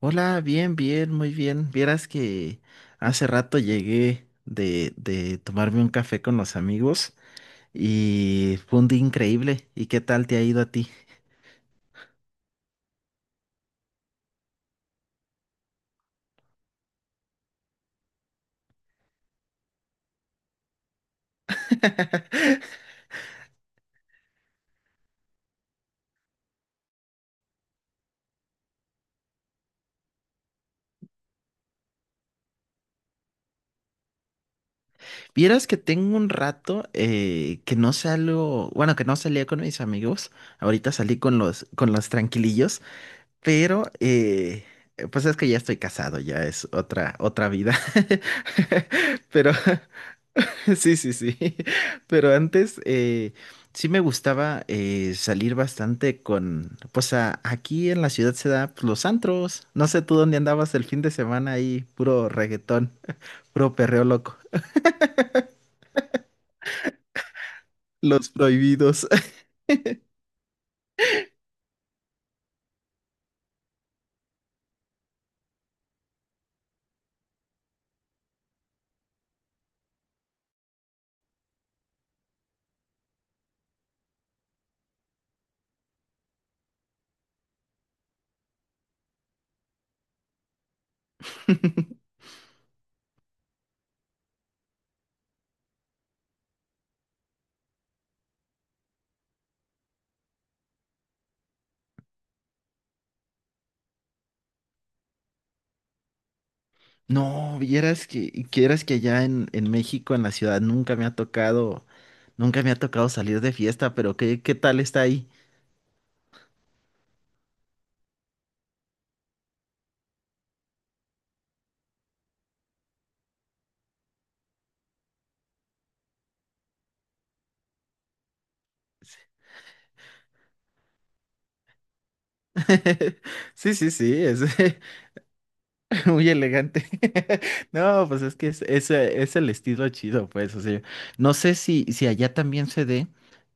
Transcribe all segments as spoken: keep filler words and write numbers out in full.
Hola, bien, bien, muy bien. Vieras que hace rato llegué de, de tomarme un café con los amigos y fue un día increíble. ¿Y qué tal te ha ido a ti? Vieras que tengo un rato eh, que no salgo, bueno, que no salía con mis amigos. Ahorita salí con los, con los tranquilillos, pero eh, pues es que ya estoy casado, ya es otra, otra vida. Pero sí, sí, sí. Pero antes eh, sí me gustaba eh, salir bastante con, pues a- aquí en la ciudad se da, pues, los antros. No sé tú dónde andabas el fin de semana ahí, puro reggaetón, puro perreo loco. Los prohibidos. No, vieras que, quieras que allá en, en México, en la ciudad, nunca me ha tocado, nunca me ha tocado salir de fiesta, pero ¿qué, qué tal está ahí? Sí, sí, sí, es, muy elegante. No, pues es que es, es, eh, es el estilo chido, pues. O sea, no sé si, si allá también se dé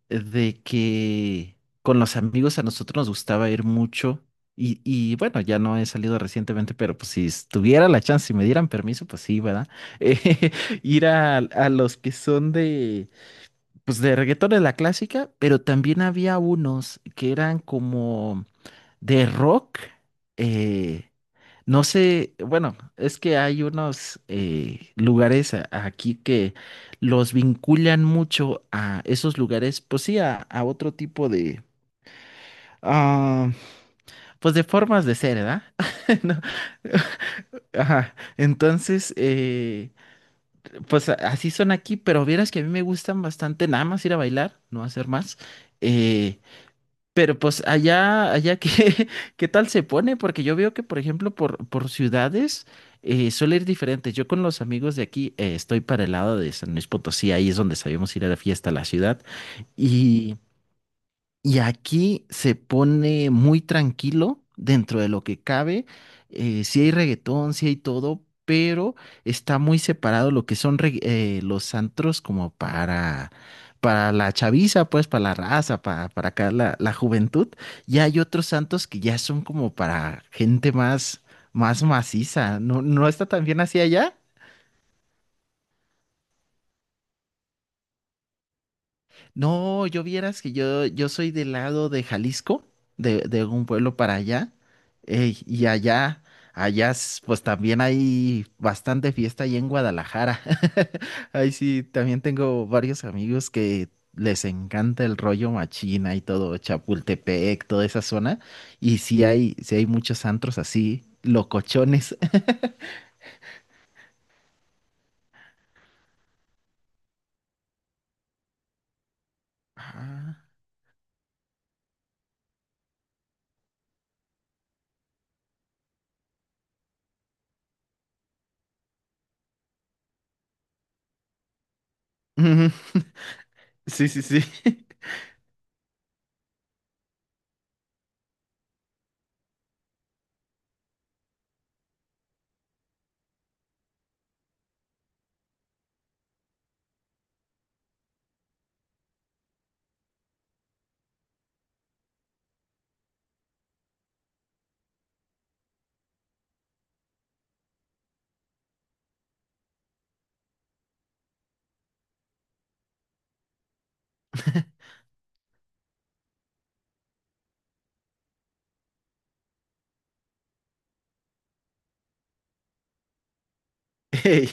eh, de que con los amigos a nosotros nos gustaba ir mucho. Y, y bueno, ya no he salido recientemente, pero pues si tuviera la chance, si me dieran permiso, pues sí, ¿verdad? Eh, ir a, a los que son de, pues de reggaetón de la clásica, pero también había unos que eran como de rock. eh, no sé, bueno, es que hay unos eh, lugares a- aquí que los vinculan mucho a esos lugares, pues sí, a, a otro tipo de, ah, pues de formas de ser, ¿verdad? No, ajá, entonces, eh, pues a- así son aquí, pero vieras que a mí me gustan bastante nada más ir a bailar, no hacer más. eh, Pero pues allá, allá qué, qué tal se pone, porque yo veo que, por ejemplo, por, por ciudades eh, suele ir diferente. Yo con los amigos de aquí eh, estoy para el lado de San Luis Potosí, ahí es donde sabíamos ir a la fiesta a la ciudad. Y aquí se pone muy tranquilo dentro de lo que cabe. Si hay reggaetón, sí hay todo, pero está muy separado lo que son reg- eh, los antros, como para, para la chaviza, pues para la raza, para, para acá la, la juventud. Y hay otros santos que ya son como para gente más, más maciza. ¿No, no está tan bien así allá? No, yo vieras que yo, yo soy del lado de Jalisco, de, de un pueblo para allá, eh, y allá, allá, s- pues también hay bastante fiesta ahí en Guadalajara. Ahí sí, también tengo varios amigos que les encanta el rollo machina y todo, Chapultepec, toda esa zona, y sí hay, sí hay muchos antros así, locochones. Ah. Ujú. Sí, sí, sí. Ey.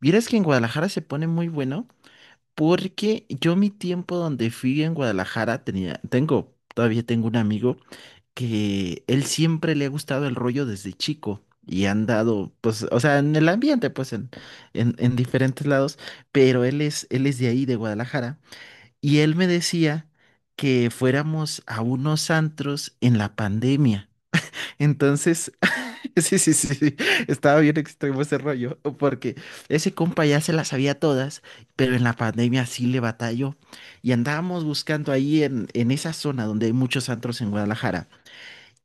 Vieras que en Guadalajara se pone muy bueno porque yo mi tiempo donde fui en Guadalajara tenía, tengo, todavía tengo un amigo que él siempre le ha gustado el rollo desde chico y han dado, pues, o sea, en el ambiente, pues, en, en, en diferentes lados, pero él es, él es de ahí, de Guadalajara, y él me decía que fuéramos a unos antros en la pandemia. Entonces, sí, sí, sí, sí, estaba bien extremo ese rollo, porque ese compa ya se las sabía todas, pero en la pandemia sí le batalló. Y andábamos buscando ahí en, en esa zona donde hay muchos antros en Guadalajara.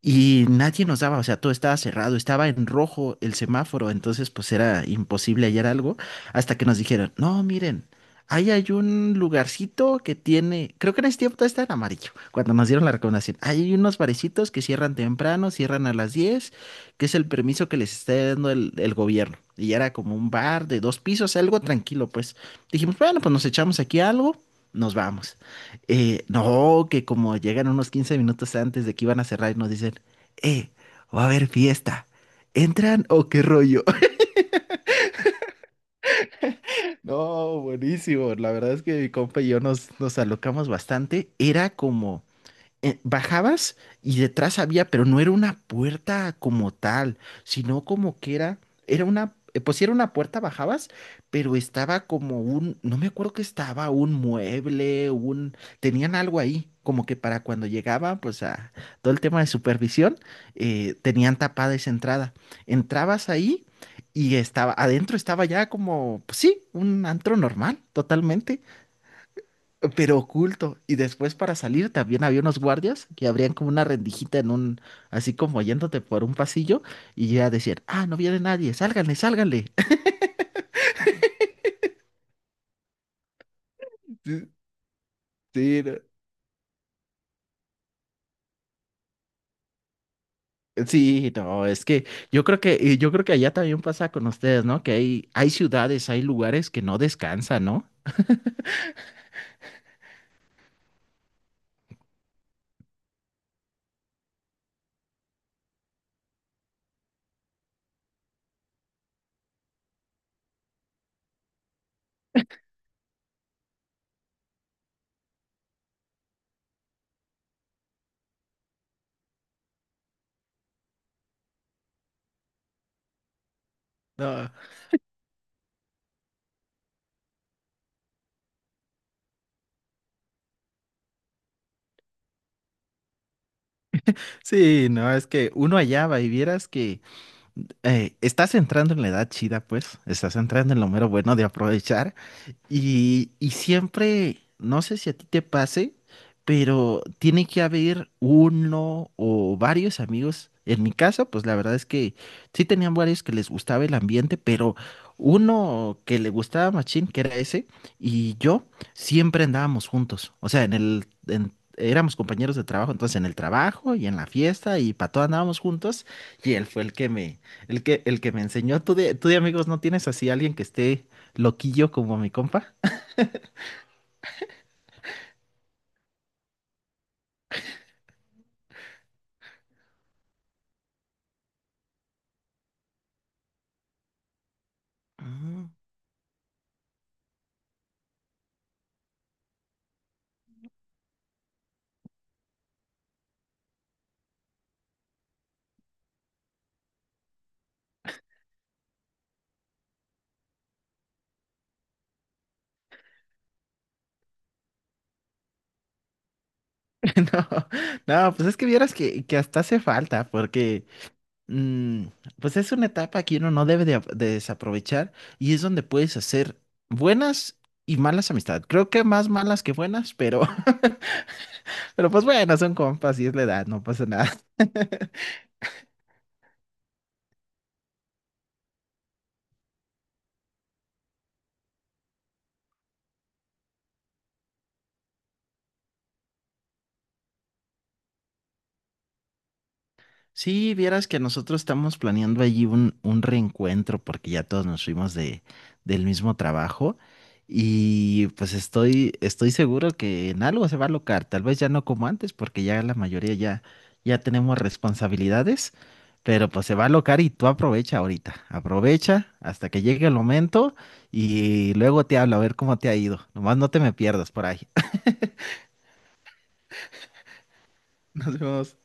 Y nadie nos daba, o sea, todo estaba cerrado, estaba en rojo el semáforo, entonces pues era imposible hallar algo hasta que nos dijeron: no, miren, ahí hay un lugarcito que tiene, creo que en ese tiempo todo estaba en amarillo, cuando nos dieron la recomendación, ahí hay unos barecitos que cierran temprano, cierran a las diez, que es el permiso que les está dando el, el gobierno. Y era como un bar de dos pisos, algo tranquilo, pues dijimos, bueno, pues nos echamos aquí algo, nos vamos. Eh, no, que como llegan unos quince minutos antes de que iban a cerrar y nos dicen, eh, va a haber fiesta. ¿Entran o qué rollo? No, buenísimo. La verdad es que mi compa y yo nos, nos alocamos bastante. Era como, eh, bajabas y detrás había, pero no era una puerta como tal, sino como que era, era una, eh, pues sí era una puerta, bajabas, pero estaba como un, no me acuerdo que estaba, un mueble, un, tenían algo ahí, como que para cuando llegaban, pues a todo el tema de supervisión, eh, tenían tapada esa entrada. Entrabas ahí y estaba, adentro estaba ya como, pues sí, un antro normal, totalmente, pero oculto. Y después para salir también había unos guardias que abrían como una rendijita en un, así como yéndote por un pasillo y ya decían: ah, no viene nadie, sálganle, sálganle. Sí, sí, no, sí, no, es que yo creo que, y yo creo que allá también pasa con ustedes, ¿no? Que hay, hay ciudades, hay lugares que no descansan, ¿no? No, sí, no, es que uno allá va y vieras que eh, estás entrando en la edad chida, pues, estás entrando en lo mero bueno de aprovechar. Y, y siempre, no sé si a ti te pase, pero tiene que haber uno o varios amigos. En mi caso, pues la verdad es que sí tenían varios que les gustaba el ambiente, pero uno que le gustaba machín, que era ese, y yo siempre andábamos juntos. O sea, en el, en- éramos compañeros de trabajo, entonces en el trabajo y en la fiesta y para todo andábamos juntos. Y él fue el que me, el que, el que me enseñó. ¿Tú de, tú de amigos no tienes así alguien que esté loquillo como mi compa? Ah, no, no, pues es que vieras que, que hasta hace falta, porque mm, pues es una etapa que uno no debe de, ap- de desaprovechar y es donde puedes hacer buenas y malas amistades. Creo que más malas que buenas, pero, pero pues bueno, son compas y es la edad, no pasa nada. Sí, vieras que nosotros estamos planeando allí un, un reencuentro porque ya todos nos fuimos de, del mismo trabajo y pues estoy, estoy seguro que en algo se va a locar, tal vez ya no como antes porque ya la mayoría ya, ya tenemos responsabilidades, pero pues se va a locar y tú aprovecha ahorita, aprovecha hasta que llegue el momento y luego te hablo a ver cómo te ha ido, nomás no te me pierdas por ahí. Nos vemos.